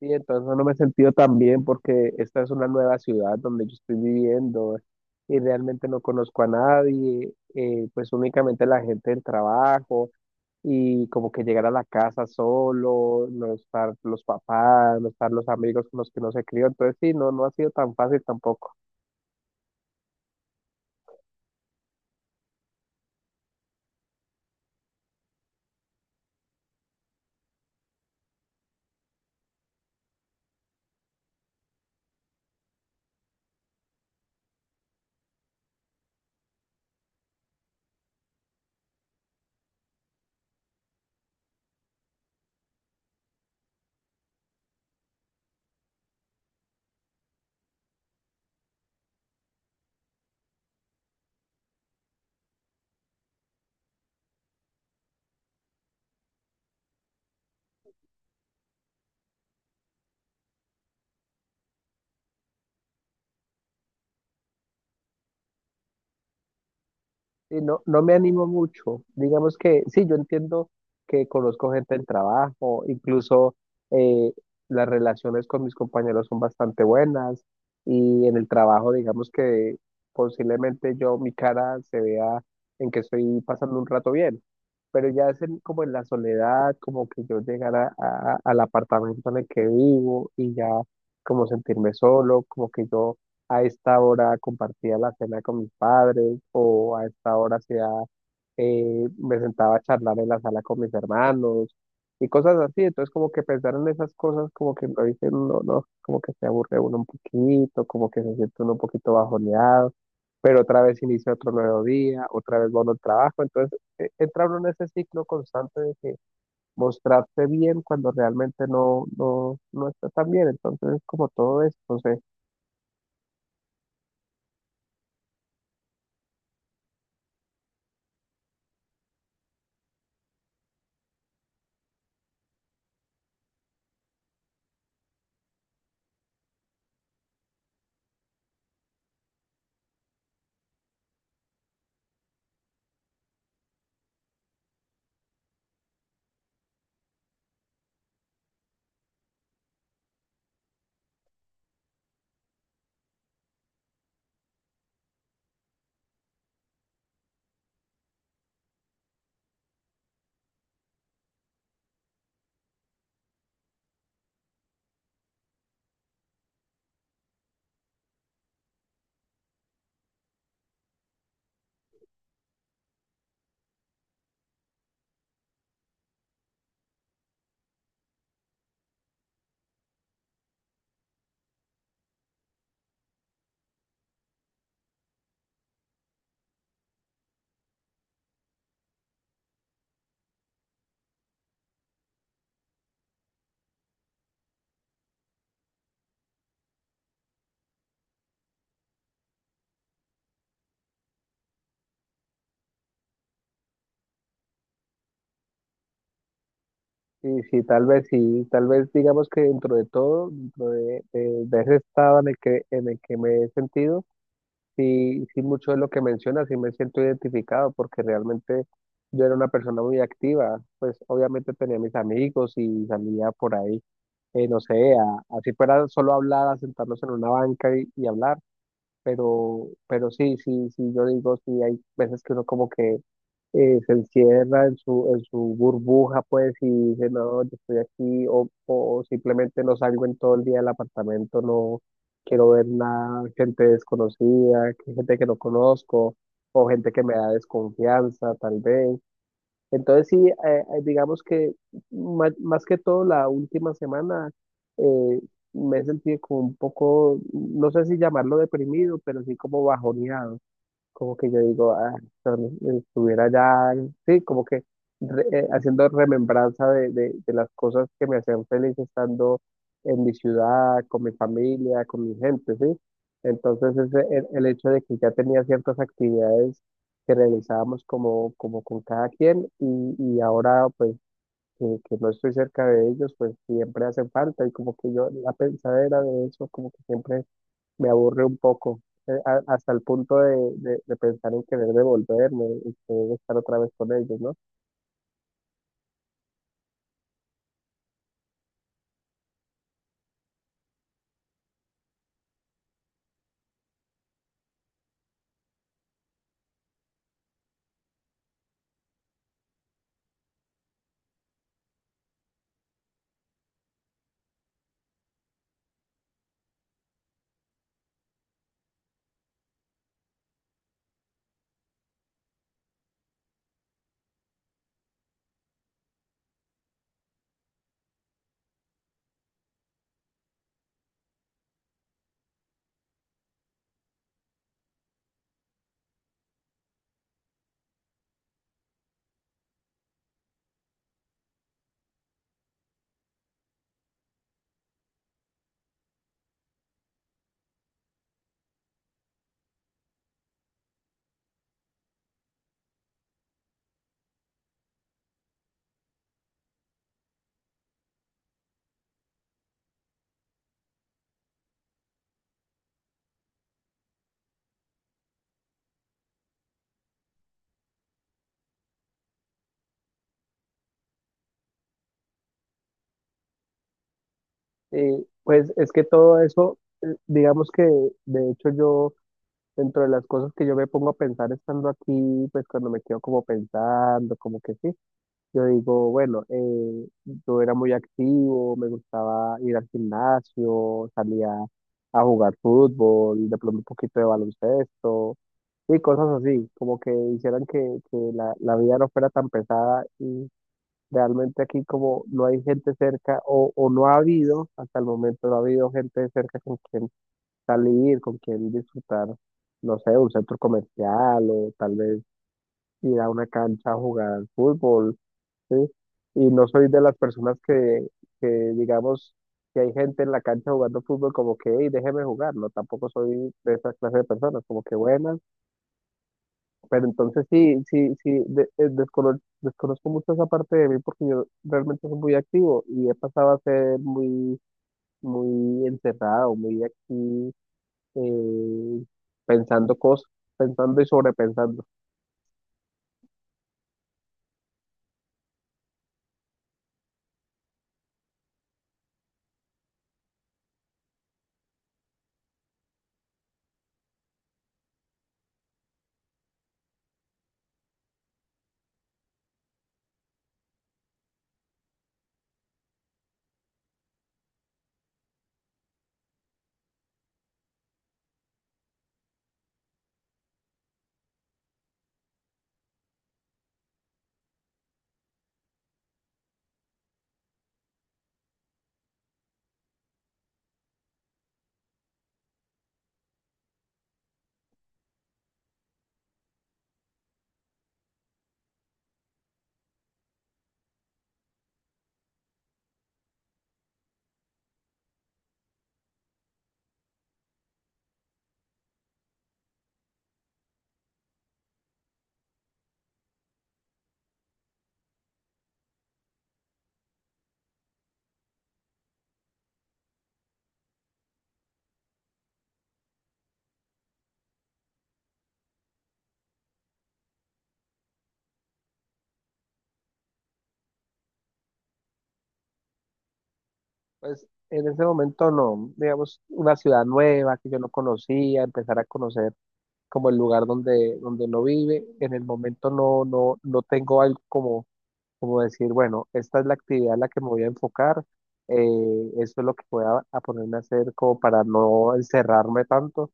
Sí, entonces no me he sentido tan bien porque esta es una nueva ciudad donde yo estoy viviendo y realmente no conozco a nadie, pues únicamente la gente del trabajo y como que llegar a la casa solo, no estar los papás, no estar los amigos con los que no se crió. Entonces sí, no, no ha sido tan fácil tampoco. Sí, no, no me animo mucho. Digamos que sí, yo entiendo que conozco gente del trabajo, incluso eh, las relaciones con mis compañeros son bastante buenas y en el trabajo, digamos que posiblemente yo, mi cara se vea en que estoy pasando un rato bien, pero ya es como en la soledad, como que yo llegara al apartamento en el que vivo y ya como sentirme solo, como que yo a esta hora compartía la cena con mis padres o a esta hora hacía, me sentaba a charlar en la sala con mis hermanos y cosas así. Entonces como que pensar en esas cosas como que lo dicen, no, no, como que se aburre uno un poquito, como que se siente uno un poquito bajoneado, pero otra vez inicia otro nuevo día, otra vez va uno al trabajo. Entonces entra uno en ese ciclo constante de que mostrarse bien cuando realmente no, no, no está tan bien. Entonces es como todo esto. Sí, sí, tal vez digamos que dentro de todo, dentro de ese estado en el que me he sentido, sí, sí mucho de lo que mencionas, sí me siento identificado porque realmente yo era una persona muy activa, pues obviamente tenía mis amigos y salía por ahí. No sé, así fuera solo hablar, a sentarnos en una banca y hablar, pero sí, sí, sí, yo digo, sí, hay veces que uno como que se encierra en su burbuja, pues, y dice, no, yo estoy aquí, o simplemente no salgo en todo el día del apartamento, no quiero ver nada, gente desconocida, gente que no conozco, o gente que me da desconfianza, tal vez. Entonces sí, digamos que más, más que todo la última semana eh, me he sentido como un poco, no sé si llamarlo deprimido, pero sí como bajoneado, como que yo digo, ah, estuviera ya, sí, como que haciendo remembranza de las cosas que me hacían feliz estando en mi ciudad, con mi familia, con mi gente, ¿sí? Entonces ese, el hecho de que ya tenía ciertas actividades que realizábamos como, como con cada quien y ahora pues que no estoy cerca de ellos, pues siempre hacen falta y como que yo la pensadera de eso, como que siempre me aburre un poco, hasta el punto de pensar en querer devolverme y querer estar otra vez con ellos, ¿no? Y pues es que todo eso, digamos que de hecho yo, dentro de las cosas que yo me pongo a pensar estando aquí, pues cuando me quedo como pensando, como que sí, yo digo, bueno, yo era muy activo, me gustaba ir al gimnasio, salía a jugar fútbol, de pronto un poquito de baloncesto y cosas así, como que hicieran que la vida no fuera tan pesada y realmente aquí como no hay gente cerca o no ha habido, hasta el momento no ha habido gente cerca con quien salir, con quien disfrutar, no sé, un centro comercial o tal vez ir a una cancha a jugar al fútbol, ¿sí? Y no soy de las personas que digamos, que hay gente en la cancha jugando fútbol como que, hey, déjeme jugar, no, tampoco soy de esa clase de personas, como que buenas, pero entonces sí, sí, sí, desconozco mucho esa parte de mí porque yo realmente soy muy activo y he pasado a ser muy, muy encerrado, muy aquí, eh, pensando cosas, pensando y sobrepensando. Pues en ese momento no, digamos, una ciudad nueva que yo no conocía, empezar a conocer como el lugar donde, donde uno vive. En el momento no, no, no tengo algo como, como decir, bueno, esta es la actividad en la que me voy a enfocar, eso es lo que voy a ponerme a hacer como para no encerrarme tanto,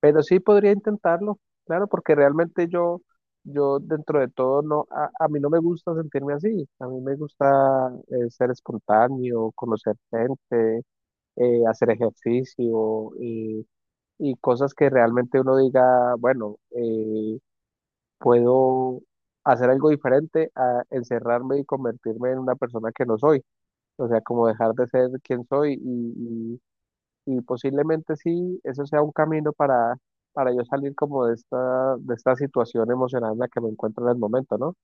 pero sí podría intentarlo, claro, porque realmente yo, yo dentro de todo no, a mí no me gusta sentirme así, a mí me gusta ser espontáneo, conocer gente, hacer ejercicio y cosas que realmente uno diga, bueno, puedo hacer algo diferente a encerrarme y convertirme en una persona que no soy, o sea, como dejar de ser quien soy y posiblemente sí, eso sea un camino para yo salir como de esta situación emocional en la que me encuentro en el momento, ¿no?